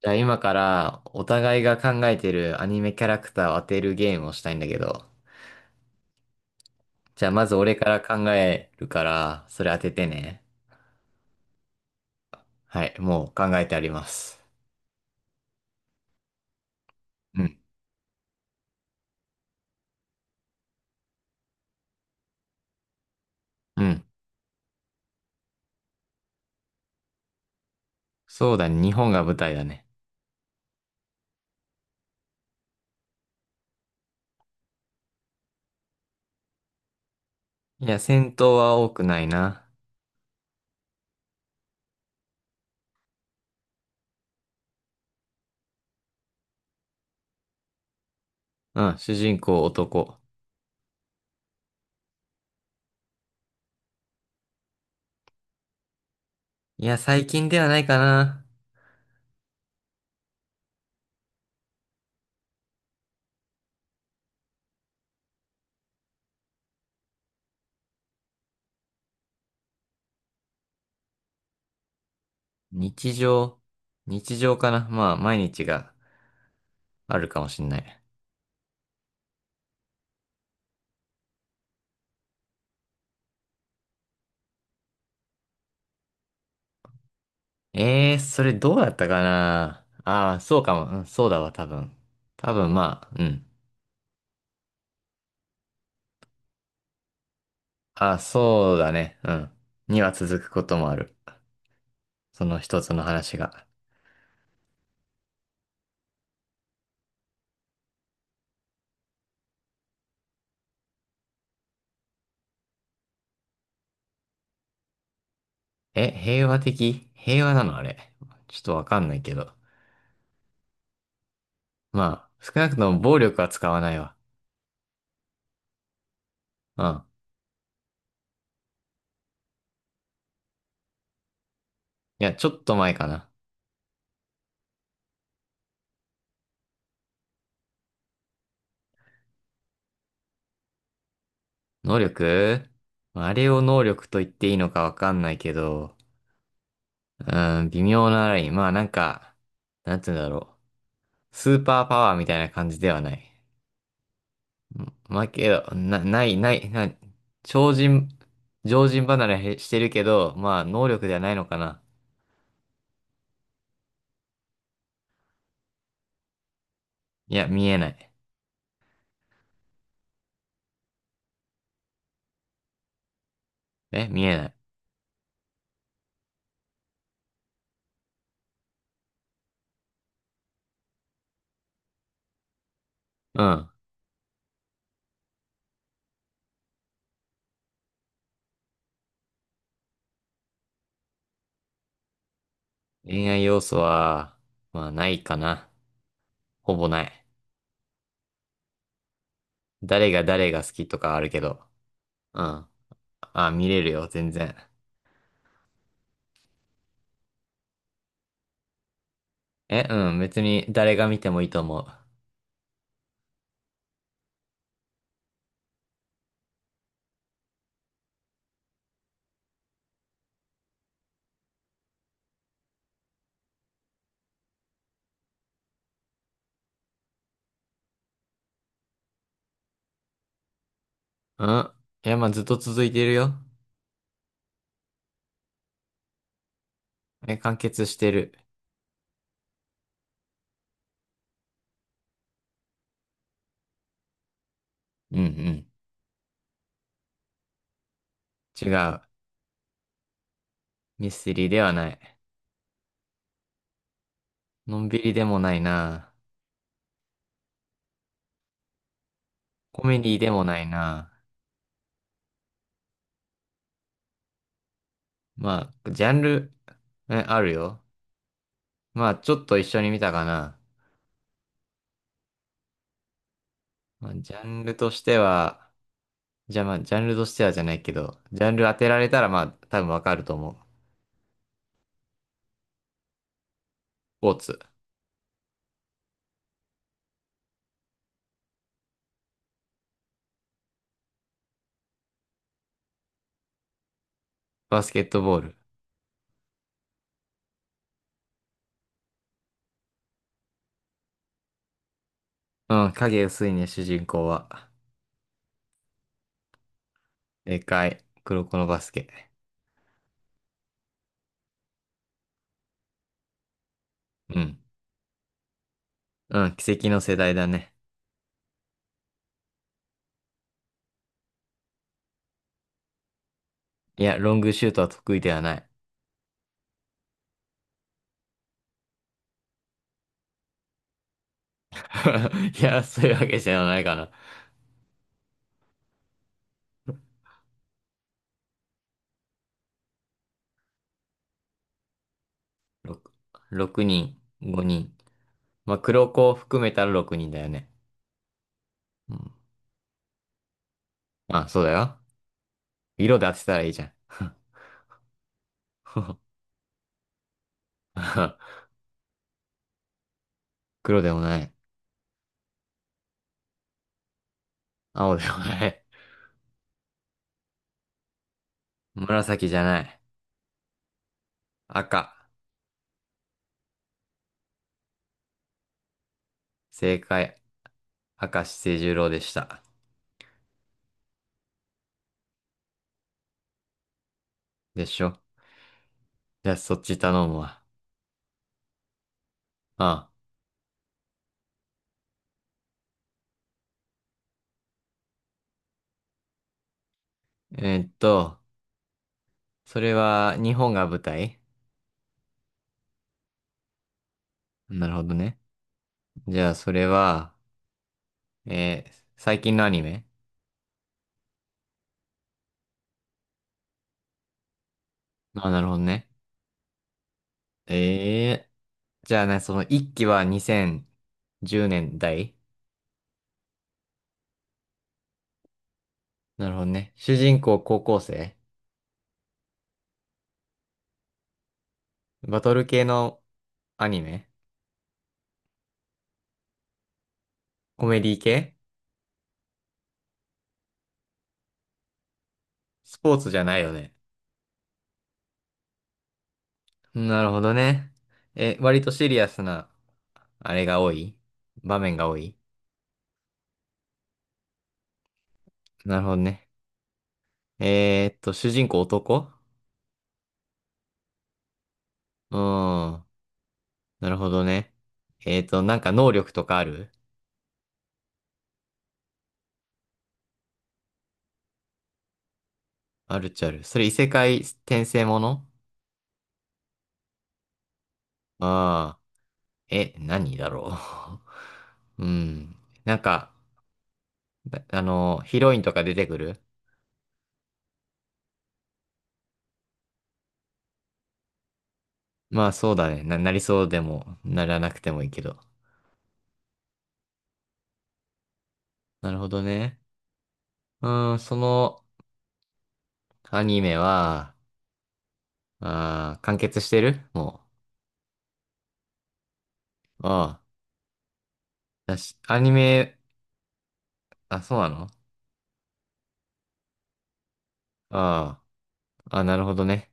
じゃあ今からお互いが考えてるアニメキャラクターを当てるゲームをしたいんだけど。じゃあまず俺から考えるから、それ当ててね。はい、もう考えてあります。うん。うん。そうだね、日本が舞台だね。いや、戦闘は多くないな。うん、主人公男。いや、最近ではないかな。日常。日常かな。まあ、毎日があるかもしんない。ええー、それどうだったかなそうかも。うん、そうだわ、多分。多分、まあ、うん。ああ、そうだね。うん。には続くこともある。その一つの話が。え、平和的平和なのあれ？ちょっとわかんないけど。まあ、少なくとも暴力は使わないわ。うん。いや、ちょっと前かな。能力？まああれを能力と言っていいのかわかんないけど、うん、微妙なライン。まあ、なんか、なんて言うんだろう。スーパーパワーみたいな感じではない。まあけど、な、ない、ない、ない、超人、常人離れへしてるけど、まあ能力ではないのかな。いや、見えない。え、見えない。うん。恋愛要素は、まあないかな。ほぼない。誰が誰が好きとかあるけど。うん。あ、見れるよ、全然。え、うん、別に誰が見てもいいと思う。うん。いや、まあずっと続いてるよ。え、完結してる？うんうん。違う。ミステリーではない。のんびりでもないな。コメディでもないな。まあ、ジャンル、え、あるよ。まあ、ちょっと一緒に見たかな。まあ、ジャンルとしては、じゃあまあ、ジャンルとしてはじゃないけど、ジャンル当てられたらまあ、多分わかると思う。スポーツ。バスケットボール。うん、影薄いね、主人公は。でかい。黒子のバスケ。うん。うん、奇跡の世代だね。いや、ロングシュートは得意ではない。いや、そういうわけじゃないかな。6、人、5人。まあ、黒子を含めたら6人だよね。うん。まあ、そうだよ。色で当てたらいいじゃん。黒でもない。青でもない。紫じゃない。赤。正解。明石清十郎でした。でしょ？じゃあそっち頼むわ。ああ、それは日本が舞台？なるほどね。じゃあそれは、えー最近のアニメ？あ、なるほどね。ええじゃあね、その一期は2010年代？なるほどね。主人公高校生？バトル系のアニメ？コメディ系？スポーツじゃないよね？なるほどね。え、割とシリアスな、あれが多い場面が多い？なるほどね。主人公男？うーん。なるほどね。なんか能力とかある？あるっちゃある。それ異世界転生もの？ああー。え、何だろう。うん。なんか、あの、ヒロインとか出てくる？まあそうだね。なりそうでも、ならなくてもいいけど。なるほどね。うーん、そのアニメは、あー、完結してるも？う。ああ。だし、アニメ、あ、そうなの？ああ。あ、なるほどね。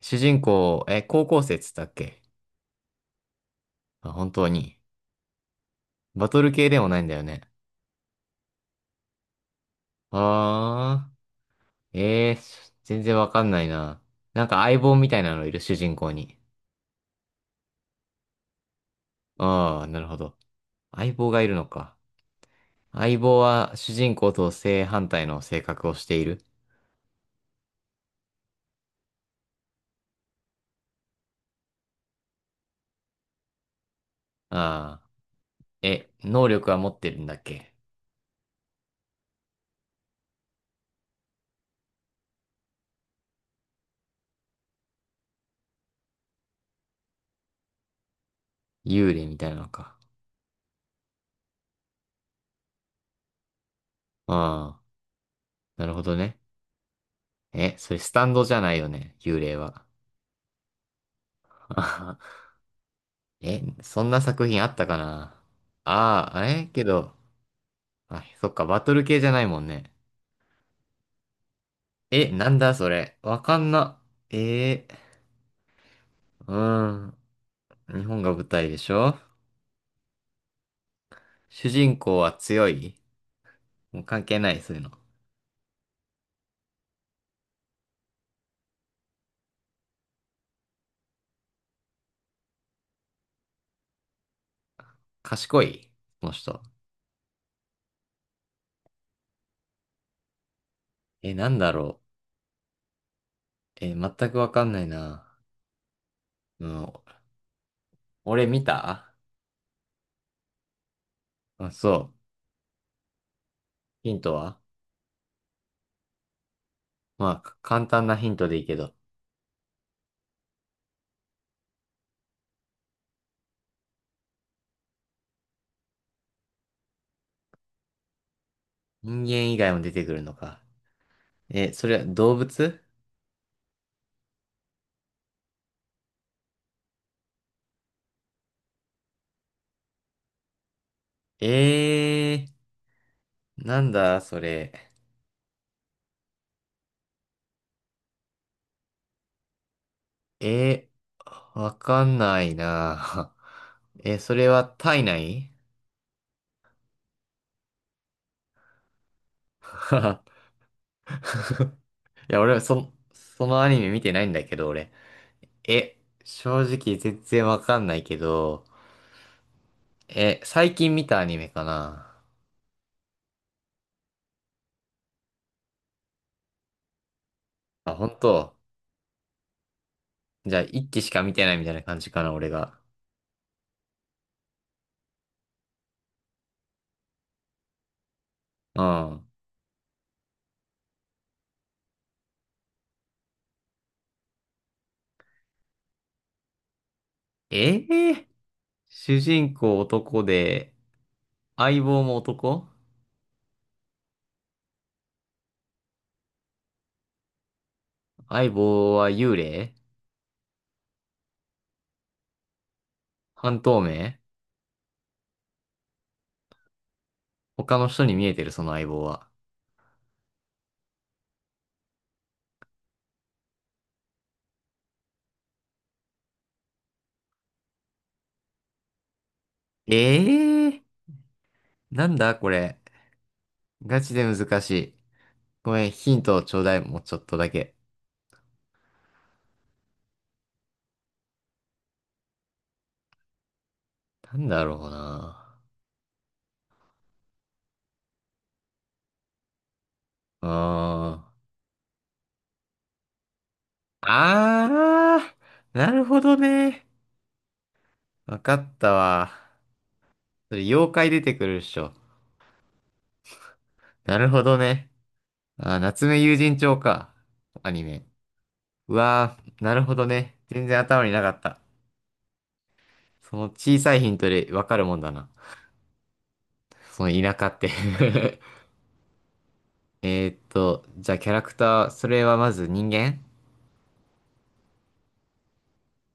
主人公、え、高校生っつったっけ？あ、本当に。バトル系でもないんだよね？ああ。ええー全然わかんないな。なんか相棒みたいなのいる、主人公に。ああ、なるほど。相棒がいるのか。相棒は主人公と正反対の性格をしている。ああ。え、能力は持ってるんだっけ？幽霊みたいなのか？ああ、なるほどね。え、それスタンドじゃないよね、幽霊は。あはは。え、そんな作品あったかな？ああ、あれけど、あ、そっか、バトル系じゃないもんね。え、なんだそれ。わかんな。ええーうん。日本が舞台でしょ？主人公は強い？もう関係ない、そういうの。賢い？この人。え、なんだろう。え、全くわかんないな。うん、俺見た？あ、そう。ヒントは？まあ、簡単なヒントでいいけど。人間以外も出てくるのか。え、それは動物？ええー、なんだ、それ。えわかんないな。え、それは体内？ いや、俺、そのアニメ見てないんだけど、俺。え、正直全然わかんないけど、え、最近見たアニメかな？あ、本当。じゃあ、一期しか見てないみたいな感じかな、俺が。うん。ええ主人公男で、相棒も男？相棒は幽霊？半透明？他の人に見えてる、その相棒は。ええなんだこれ。ガチで難しい。ごめん、ヒントをちょうだい、もうちょっとだけ。なんだろうな。うーん。あー、なるほどね。わかったわ。それ、妖怪出てくるっしょ？なるほどね。あー、夏目友人帳か。アニメ。うわー、なるほどね。全然頭になかった。その小さいヒントでわかるもんだな。その田舎って じゃあキャラクター、それはまず人間？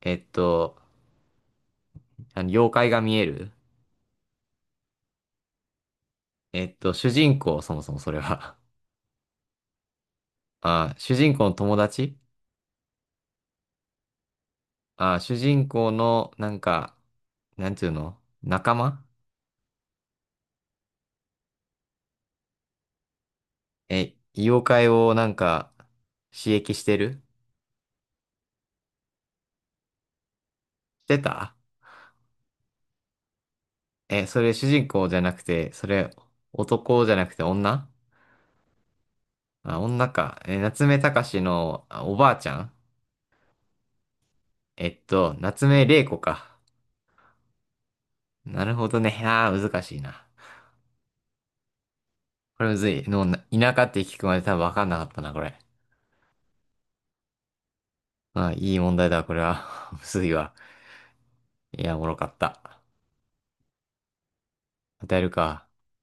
えっと、あの妖怪が見える？主人公、そもそもそれは？あー、主人公の友達？あー、主人公の、なんか、なんていうの？仲間？え、妖怪をなんか、刺激してる？してた？え、それ主人公じゃなくて、それ男じゃなくて女？あ、女か。え、夏目隆のあおばあちゃん？夏目玲子か。なるほどね。ああ、難しいな。これむずい。田舎って聞くまで多分わかんなかったな、これ。ああ、いい問題だ、これは。むずいわ。いや、おもろかった。与えるか。